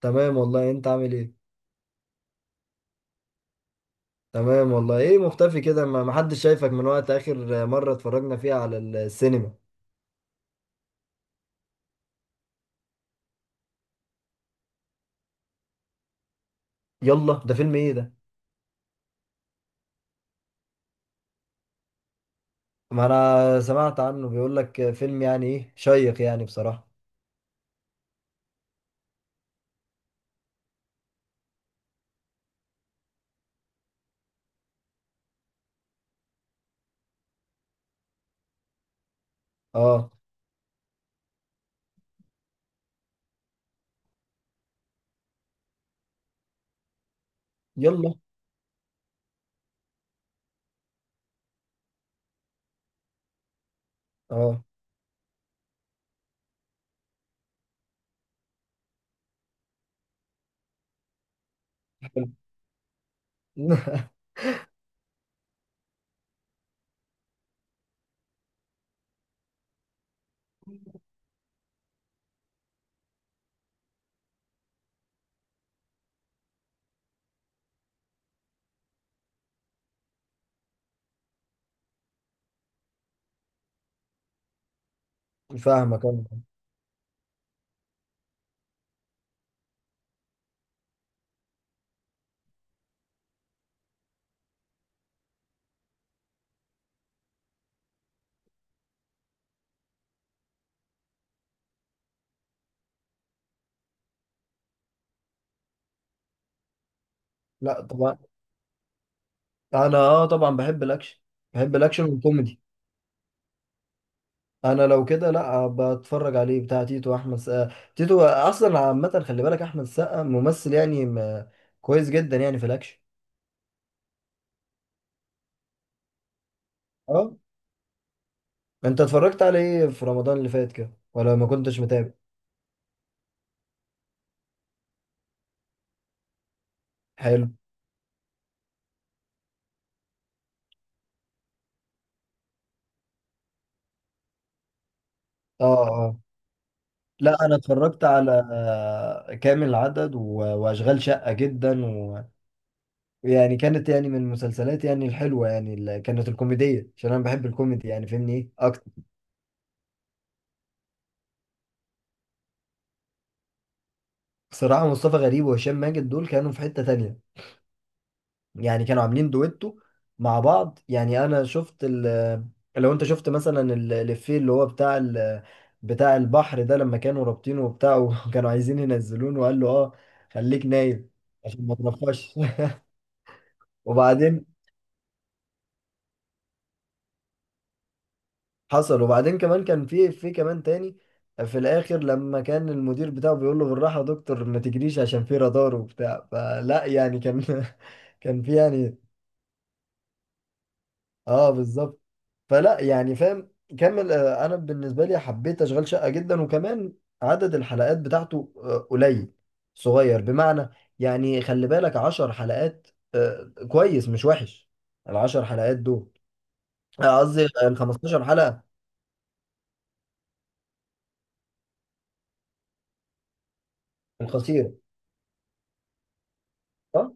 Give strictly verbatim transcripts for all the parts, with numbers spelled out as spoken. تمام والله، انت عامل ايه؟ تمام والله. ايه مختفي كده؟ ما ما حدش شايفك من وقت اخر مرة اتفرجنا فيها على السينما. يلا، ده فيلم ايه ده؟ ما انا سمعت عنه، بيقول لك فيلم يعني ايه شيق يعني بصراحة. اه. يلا. اه. فاهمك انا. لا طبعا. انا اه طبعا بحب الاكشن. بحب الاكشن والكوميدي. انا لو كده لا بتفرج عليه. بتاع تيتو احمد سقا، تيتو اصلا، عامة خلي بالك احمد سقا ممثل يعني ما- كويس جدا يعني في الاكشن. اه. انت اتفرجت على ايه في رمضان اللي فات كده، ولا ما كنتش متابع؟ حلو. اه اه. لا انا اتفرجت على آه، كامل العدد و- واشغال شقة جدا و- ويعني كانت يعني من المسلسلات يعني الحلوة يعني اللي كانت الكوميدية، عشان انا بحب الكوميدي يعني فاهمني ايه اكتر. بصراحة مصطفى غريب وهشام ماجد دول كانوا في حتة تانية، يعني كانوا عاملين دويتو مع بعض. يعني انا شفت ال، لو انت شفت مثلا ال- الإفيه اللي هو بتاع ال، بتاع البحر ده لما كانوا رابطينه وبتاع وكانوا عايزين ينزلونه وقال له اه خليك نايم عشان ما تنفخش. وبعدين حصل. وبعدين كمان كان في في كمان تاني في الاخر لما كان المدير بتاعه بيقول له بالراحه يا دكتور ما تجريش عشان في رادار وبتاع، فلا يعني كان كان في يعني. اه بالظبط. فلا يعني، فاهم. كمل. آه، انا بالنسبه لي حبيت اشغال شقه جدا. وكمان عدد الحلقات بتاعته آه، قليل، صغير، بمعنى يعني خلي بالك عشر حلقات. آه، كويس، مش وحش العشر حلقات دول. آه، قصدي الخمستاشر حلقه. القصيره. صح؟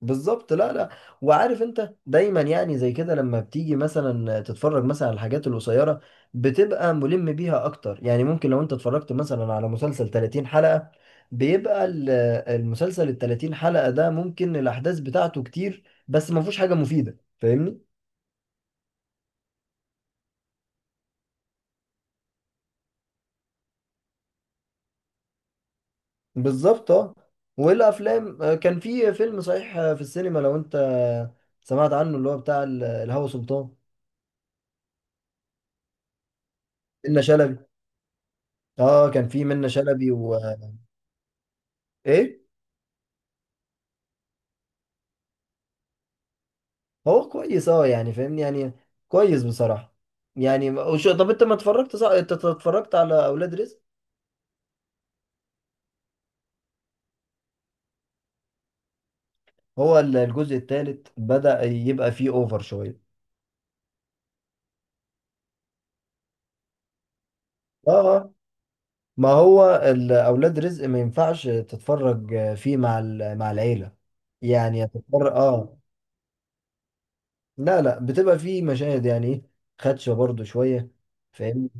بالظبط. لا لا. وعارف انت دايما يعني زي كده لما بتيجي مثلا تتفرج مثلا على الحاجات القصيره بتبقى ملم بيها اكتر. يعني ممكن لو انت اتفرجت مثلا على مسلسل ثلاثين حلقه، بيبقى ال، المسلسل ال ثلاثين حلقه ده ممكن الاحداث بتاعته كتير بس ما فيهوش حاجه مفيده، فاهمني. بالظبط اه. والافلام، آه، كان في فيلم صحيح آه، في السينما لو انت سمعت عنه، اللي هو بتاع ال- الهوى سلطان، منة شلبي. اه، كان في منة شلبي و، ايه. هو كويس، اه يعني فاهمني يعني، كويس بصراحة. يعني وشو، طب انت ما اتفرجت، صح انت اتفرجت على اولاد رزق. هو ال- الجزء الثالث بدأ يبقى فيه اوفر شوية. اه اه. ما هو ال- اولاد رزق ما ينفعش تتفرج فيه مع ال، مع العيلة. يعني هتتفرج، اه. لا لا، بتبقى فيه مشاهد يعني ايه، خدشة برضو شوية. فاهمني،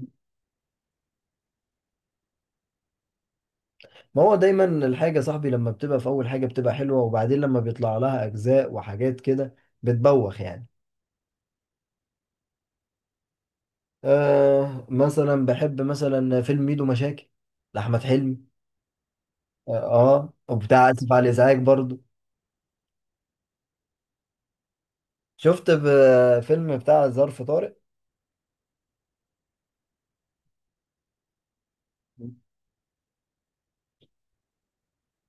ما هو دايما الحاجة يا صاحبي لما بتبقى في اول حاجة بتبقى حلوة، وبعدين لما بيطلع لها اجزاء وحاجات كده بتبوخ يعني. آه مثلا بحب مثلا فيلم ميدو مشاكل لأحمد حلمي. اه. آه، وبتاع آسف على الإزعاج برضو. شفت ب- فيلم بتاع ظرف طارق.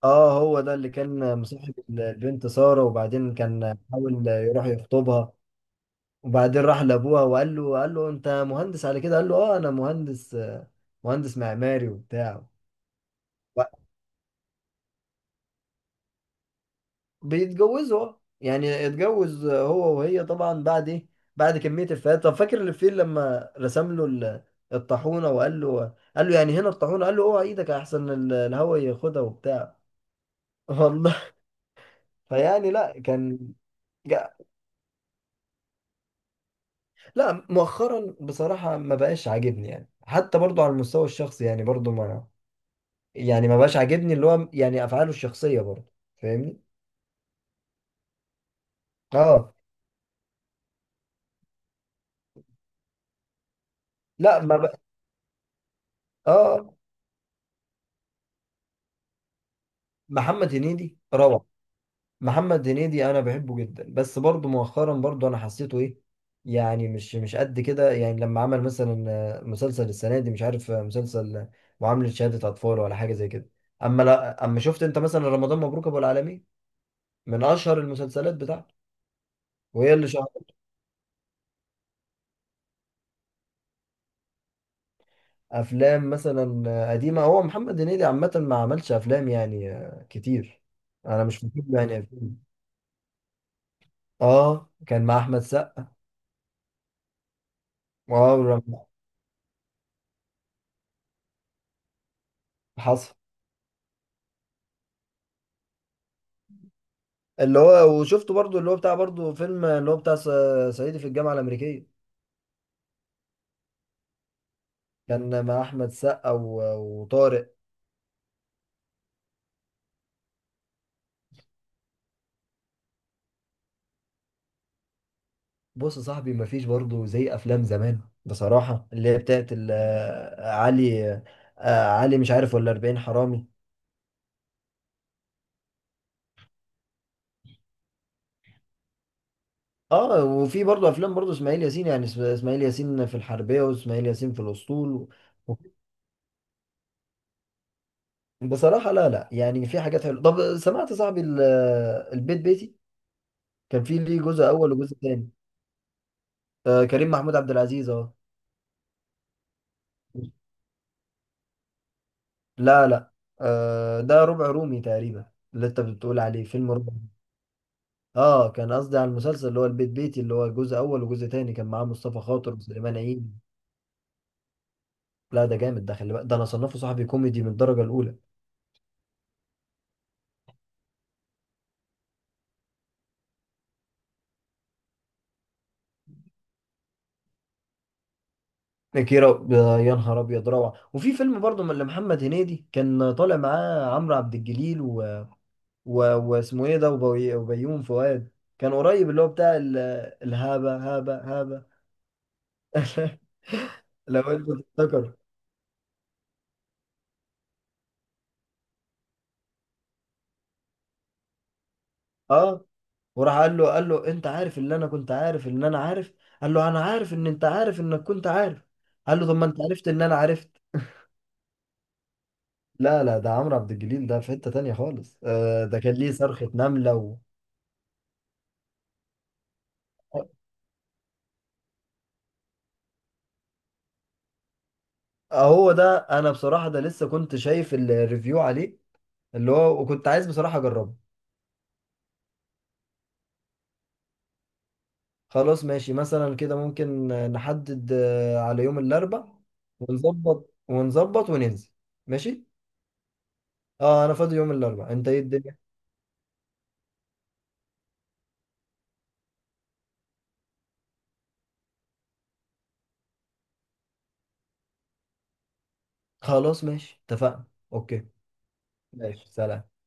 اه هو ده اللي كان مصاحب البنت سارة، وبعدين كان حاول يروح يخطبها، وبعدين راح لأبوها وقال له، قال له أنت مهندس على كده؟ قال له اه أنا مهندس، آه، مهندس معماري وبتاع. بيتجوزوا، اه. يعني اتجوز هو وهي طبعا بعد ايه، بعد كمية الفات. طب فاكر الفيل لما رسم له ال- الطاحونة وقال له، قال له يعني هنا الطاحونة، قال له اوعى ايدك احسن ال، الهوا ياخدها وبتاع. والله. فيعني لا كان. جا- لا مؤخرا بصراحة ما بقاش عاجبني يعني. حتى برضو على المستوى الشخصي، يعني برضو ما، يعني ما بقاش عاجبني اللي هو يعني افعاله الشخصية برضو. فاهمني. اه. لا ما بق... اه. محمد هنيدي روعة. محمد هنيدي انا بحبه جدا، بس برضه مؤخرا برضه انا حسيته ايه، يعني مش مش قد كده. يعني لما عمل مثلا آه، مسلسل السنه دي مش عارف، آه، مسلسل آه، معامله شهاده اطفال ولا حاجه زي كده. اما لا، اما شفت انت مثلا رمضان مبروك ابو العالمين، من اشهر المسلسلات بتاعته وهي اللي شهرت. افلام مثلا آه، قديمه، هو محمد هنيدي عامه ما عملش افلام يعني آه، كتير. انا مش فاكر له يعني أفلام. اه كان مع احمد سقا. واو رم- حصل. اللي هو وشفته برضو اللي هو بتاع برضو فيلم اللي هو بتاع ص- صعيدي في الجامعة الأمريكية، كان مع أحمد سقا و- وطارق. بص يا صاحبي، مفيش برضو زي أفلام زمان بصراحة، اللي هي بتاعت ال- آه، علي، آه، علي مش عارف ولا أربعين حرامي. اه وفي برضو أفلام برضو إسماعيل ياسين، يعني إس- إسماعيل ياسين في الحربية، وإسماعيل ياسين في الأسطول و- و- بصراحة. لا لا يعني في حاجات حلوة. طب سمعت يا صاحبي ال- البيت بيتي، كان فيه ليه جزء أول وجزء تاني. آه كريم محمود عبد العزيز، اه. لا لا، آه ده ربع رومي تقريبا اللي انت بتقول عليه، فيلم ربع. اه كان قصدي على المسلسل اللي هو البيت بيتي، اللي هو جزء اول وجزء تاني، كان معاه مصطفى خاطر وسليمان عيد. لا ده جامد، ده خلي بالك ده انا صنفه صاحبي كوميدي من الدرجه الاولى. كيرة، آه، يا نهار ابيض روعه. وفي فيلم برضه من محمد هنيدي كان طالع معاه عمرو عبد الجليل و... و... واسمه ايه ده، وبي... وبيوم فؤاد، كان قريب اللي هو بتاع ال، الهابه هابه هابه. لو انت تفتكر. اه. وراح قال له، قال له انت عارف اللي انا كنت عارف ان انا عارف؟ قال له انا عارف ان انت عارف انك كنت عارف. قال له طب ما انت عرفت ان انا عرفت. لا لا، ده عمرو عبد الجليل ده في حتة تانية خالص، آه ده كان ليه صرخة نملة و... هو ده. انا بصراحة ده لسه كنت شايف الريفيو عليه، اللي هو وكنت عايز بصراحة اجربه. خلاص ماشي، مثلا كده ممكن نحدد آه، على يوم الاربع، ونظبط ونظبط وننزل. ماشي. اه انا فاضي يوم الاربع، انت ايه الدنيا؟ خلاص ماشي اتفقنا. اوكي، ماشي سلام.